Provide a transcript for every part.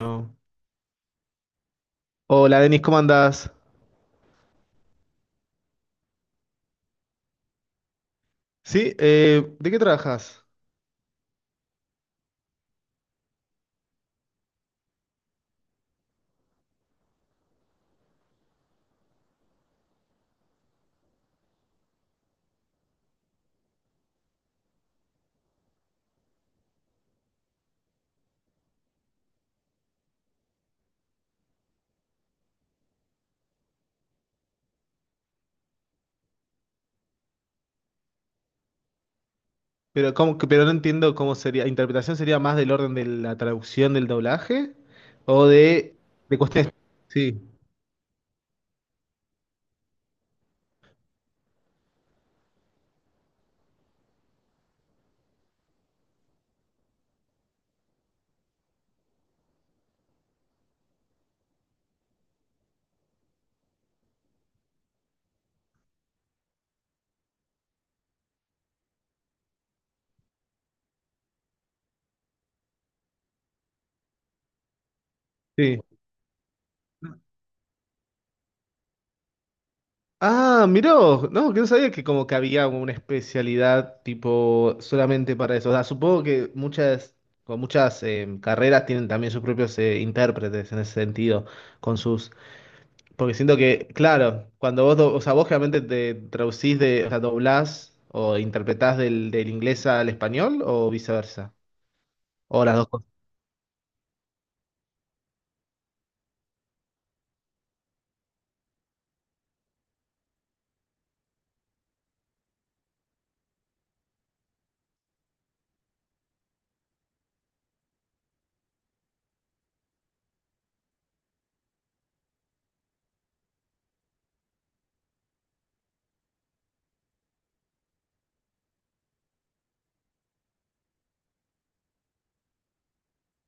No. Hola, Denis, ¿cómo andás? Sí, ¿de qué trabajas? Pero no entiendo cómo sería. ¿Interpretación sería más del orden de la traducción del doblaje? ¿O de cuestiones? Sí, sí. Ah, miró. No, que no sabía que como que había una especialidad tipo solamente para eso. O sea, supongo que muchas, con muchas carreras tienen también sus propios intérpretes en ese sentido, con sus. Porque siento que, claro, cuando vos, o sea, vos realmente te traducís de, o sea, doblás o interpretás del, del inglés al español o viceversa. O las dos cosas.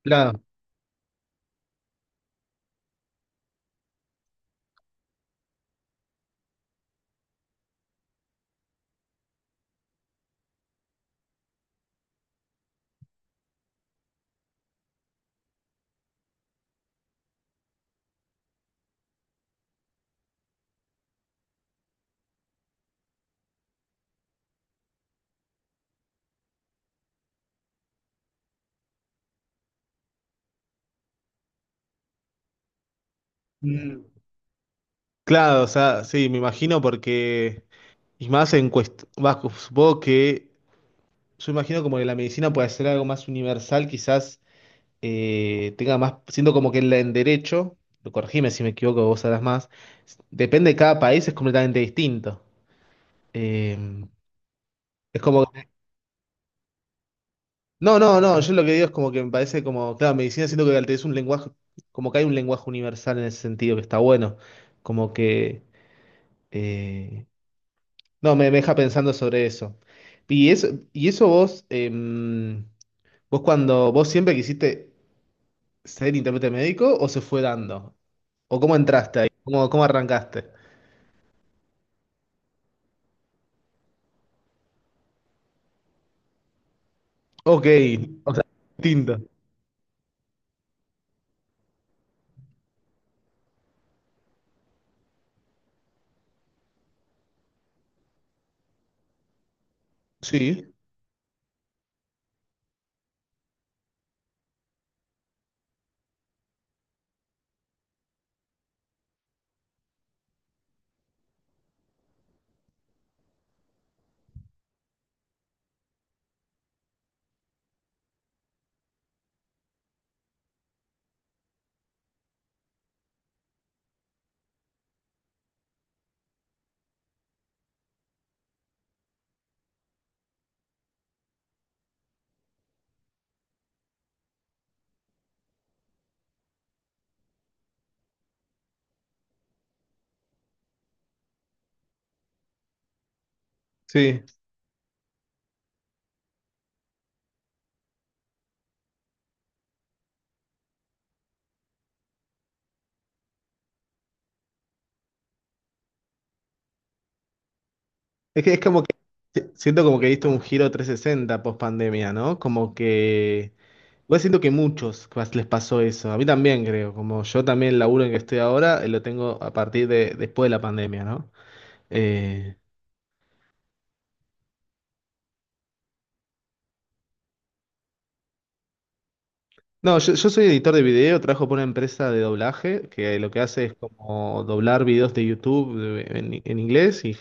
Claro. Mm, claro, o sea, sí, me imagino porque, y más en cuestión, supongo que, yo imagino como que la medicina puede ser algo más universal, quizás tenga más, siento como que en en derecho, lo corregime si me equivoco, vos sabrás más, depende de cada país, es completamente distinto. Eh, es como no, no, no, yo lo que digo es como que me parece como, claro, medicina siento que es un lenguaje, como que hay un lenguaje universal en ese sentido que está bueno, como que, eh, no, me deja pensando sobre eso. Y eso, y eso vos, vos cuando, vos siempre quisiste ser intérprete médico o se fue dando, o cómo entraste ahí, cómo, cómo arrancaste. Ok, o sea, distinto. Sí, sí. Es que es como que, siento como que diste un giro 360 post pandemia, ¿no? Como que... Voy siento que muchos les pasó eso. A mí también creo, como yo también el laburo en que estoy ahora, lo tengo a partir de después de la pandemia, ¿no? Eh, no, yo soy editor de video, trabajo por una empresa de doblaje que lo que hace es como doblar videos de YouTube en inglés y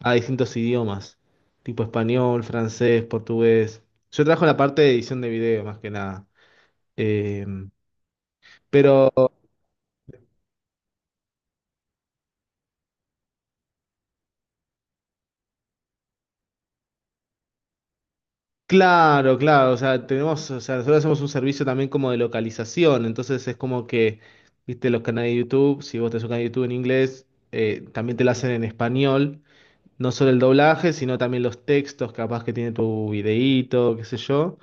a distintos idiomas, tipo español, francés, portugués. Yo trabajo en la parte de edición de video más que nada. Eh, pero claro, claro, o sea, tenemos, o sea, nosotros hacemos un servicio también como de localización, entonces es como que, viste, los canales de YouTube, si vos tenés un canal de YouTube en inglés, también te lo hacen en español, no solo el doblaje, sino también los textos, capaz que tiene tu videíto, qué sé yo,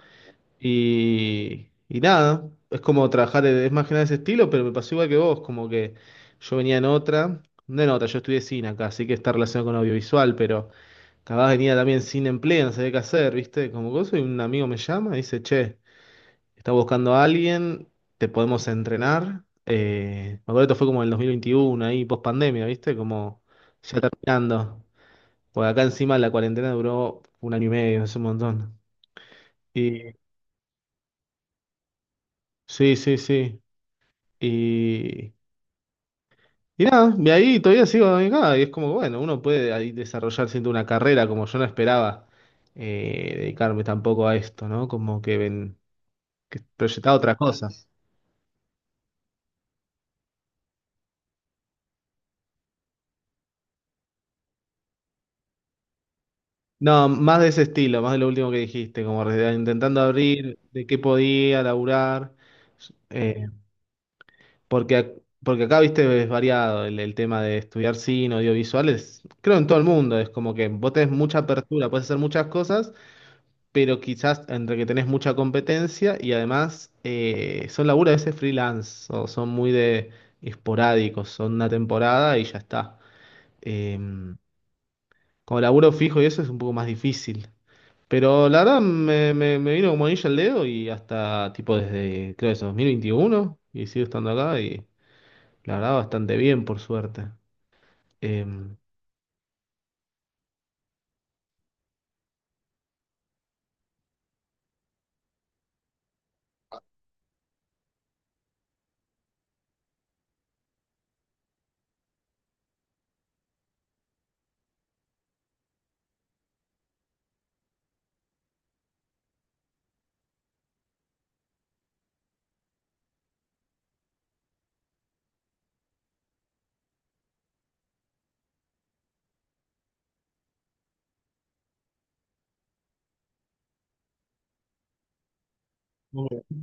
y nada, es como trabajar, es más que nada ese estilo, pero me pasó igual que vos, como que yo venía en otra, no en otra, yo estudié cine acá, así que está relacionado con audiovisual, pero... Capaz venía también sin empleo, no sabía qué hacer, ¿viste? Como cosa, y un amigo me llama y dice, che, está buscando a alguien, te podemos entrenar. Me acuerdo que esto fue como en el 2021, ahí post pandemia, ¿viste? Como ya terminando. Porque acá encima la cuarentena duró un año y medio, es un montón. Y sí, sí, sí. Y, y nada, de ahí todavía sigo acá, y es como, bueno, uno puede ahí desarrollar siento una carrera como yo no esperaba dedicarme tampoco a esto, ¿no? Como que ven que proyectaba otra cosa. No, más de ese estilo, más de lo último que dijiste, como intentando abrir de qué podía laburar, eh, porque, porque acá, viste, es variado el tema de estudiar cine, audiovisuales, creo en todo el mundo, es como que vos tenés mucha apertura, puedes hacer muchas cosas, pero quizás entre que tenés mucha competencia y además son laburos a veces freelance, o son muy de esporádicos, son una temporada y ya está. Em, como laburo fijo y eso es un poco más difícil. Pero la verdad me vino como anillo al dedo y hasta tipo desde, creo que es 2021 y sigo estando acá y la verdad bastante bien por suerte. Em, muy bien.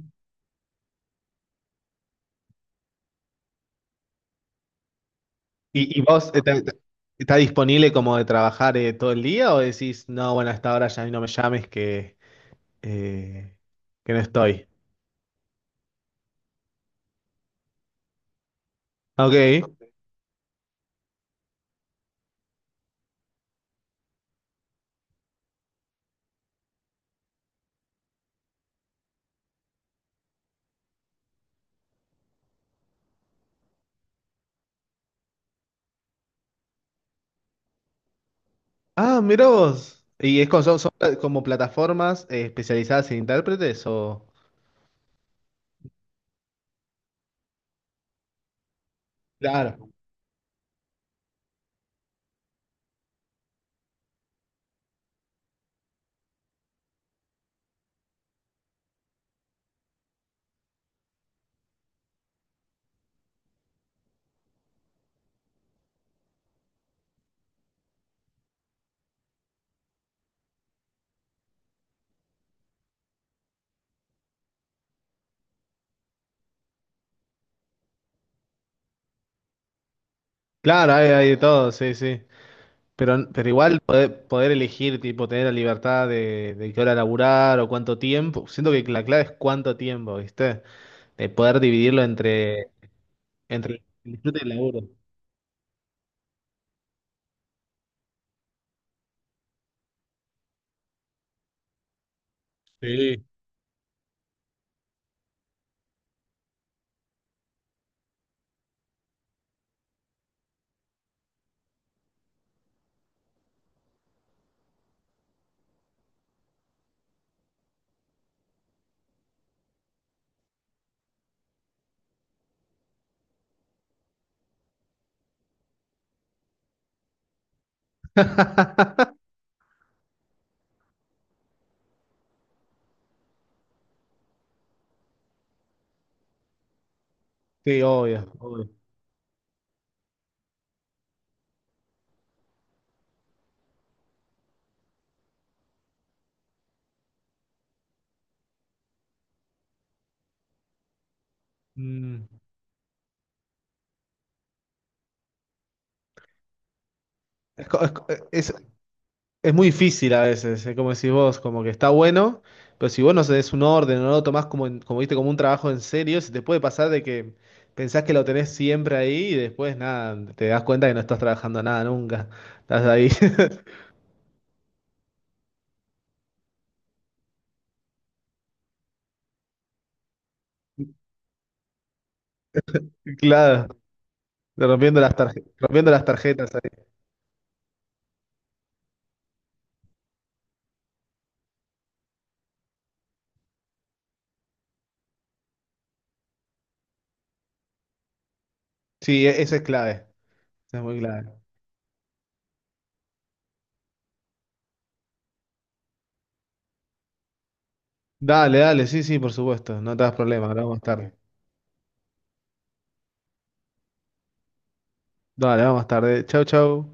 ¿Y, y vos estás disponible como de trabajar todo el día o decís, no, bueno, a esta hora ya no me llames eh, que no estoy? Ok. Ah, mirá vos. ¿Y es son, son como plataformas especializadas en intérpretes o...? Claro. Claro, hay de todo, sí, sí. Pero igual poder, poder elegir, tipo, tener la libertad de qué hora laburar o cuánto tiempo. Siento que la clave es cuánto tiempo, ¿viste? De poder dividirlo entre, entre el disfrute y el laburo. Sí. Sí, obvio, obvio. Mm. Es Es muy difícil a veces, es como decís vos, como que está bueno, pero si vos no des un orden o no lo tomás como, como, viste, como un trabajo en serio, se te puede pasar de que pensás que lo tenés siempre ahí y después nada, te das cuenta que no estás trabajando nada nunca. Estás ahí, claro, rompiendo las tarjetas ahí. Sí, eso es clave, eso es muy clave. Dale, dale, sí, sí, por supuesto, no te das problema, hablamos más tarde. Dale, vamos más tarde. Chau, chau.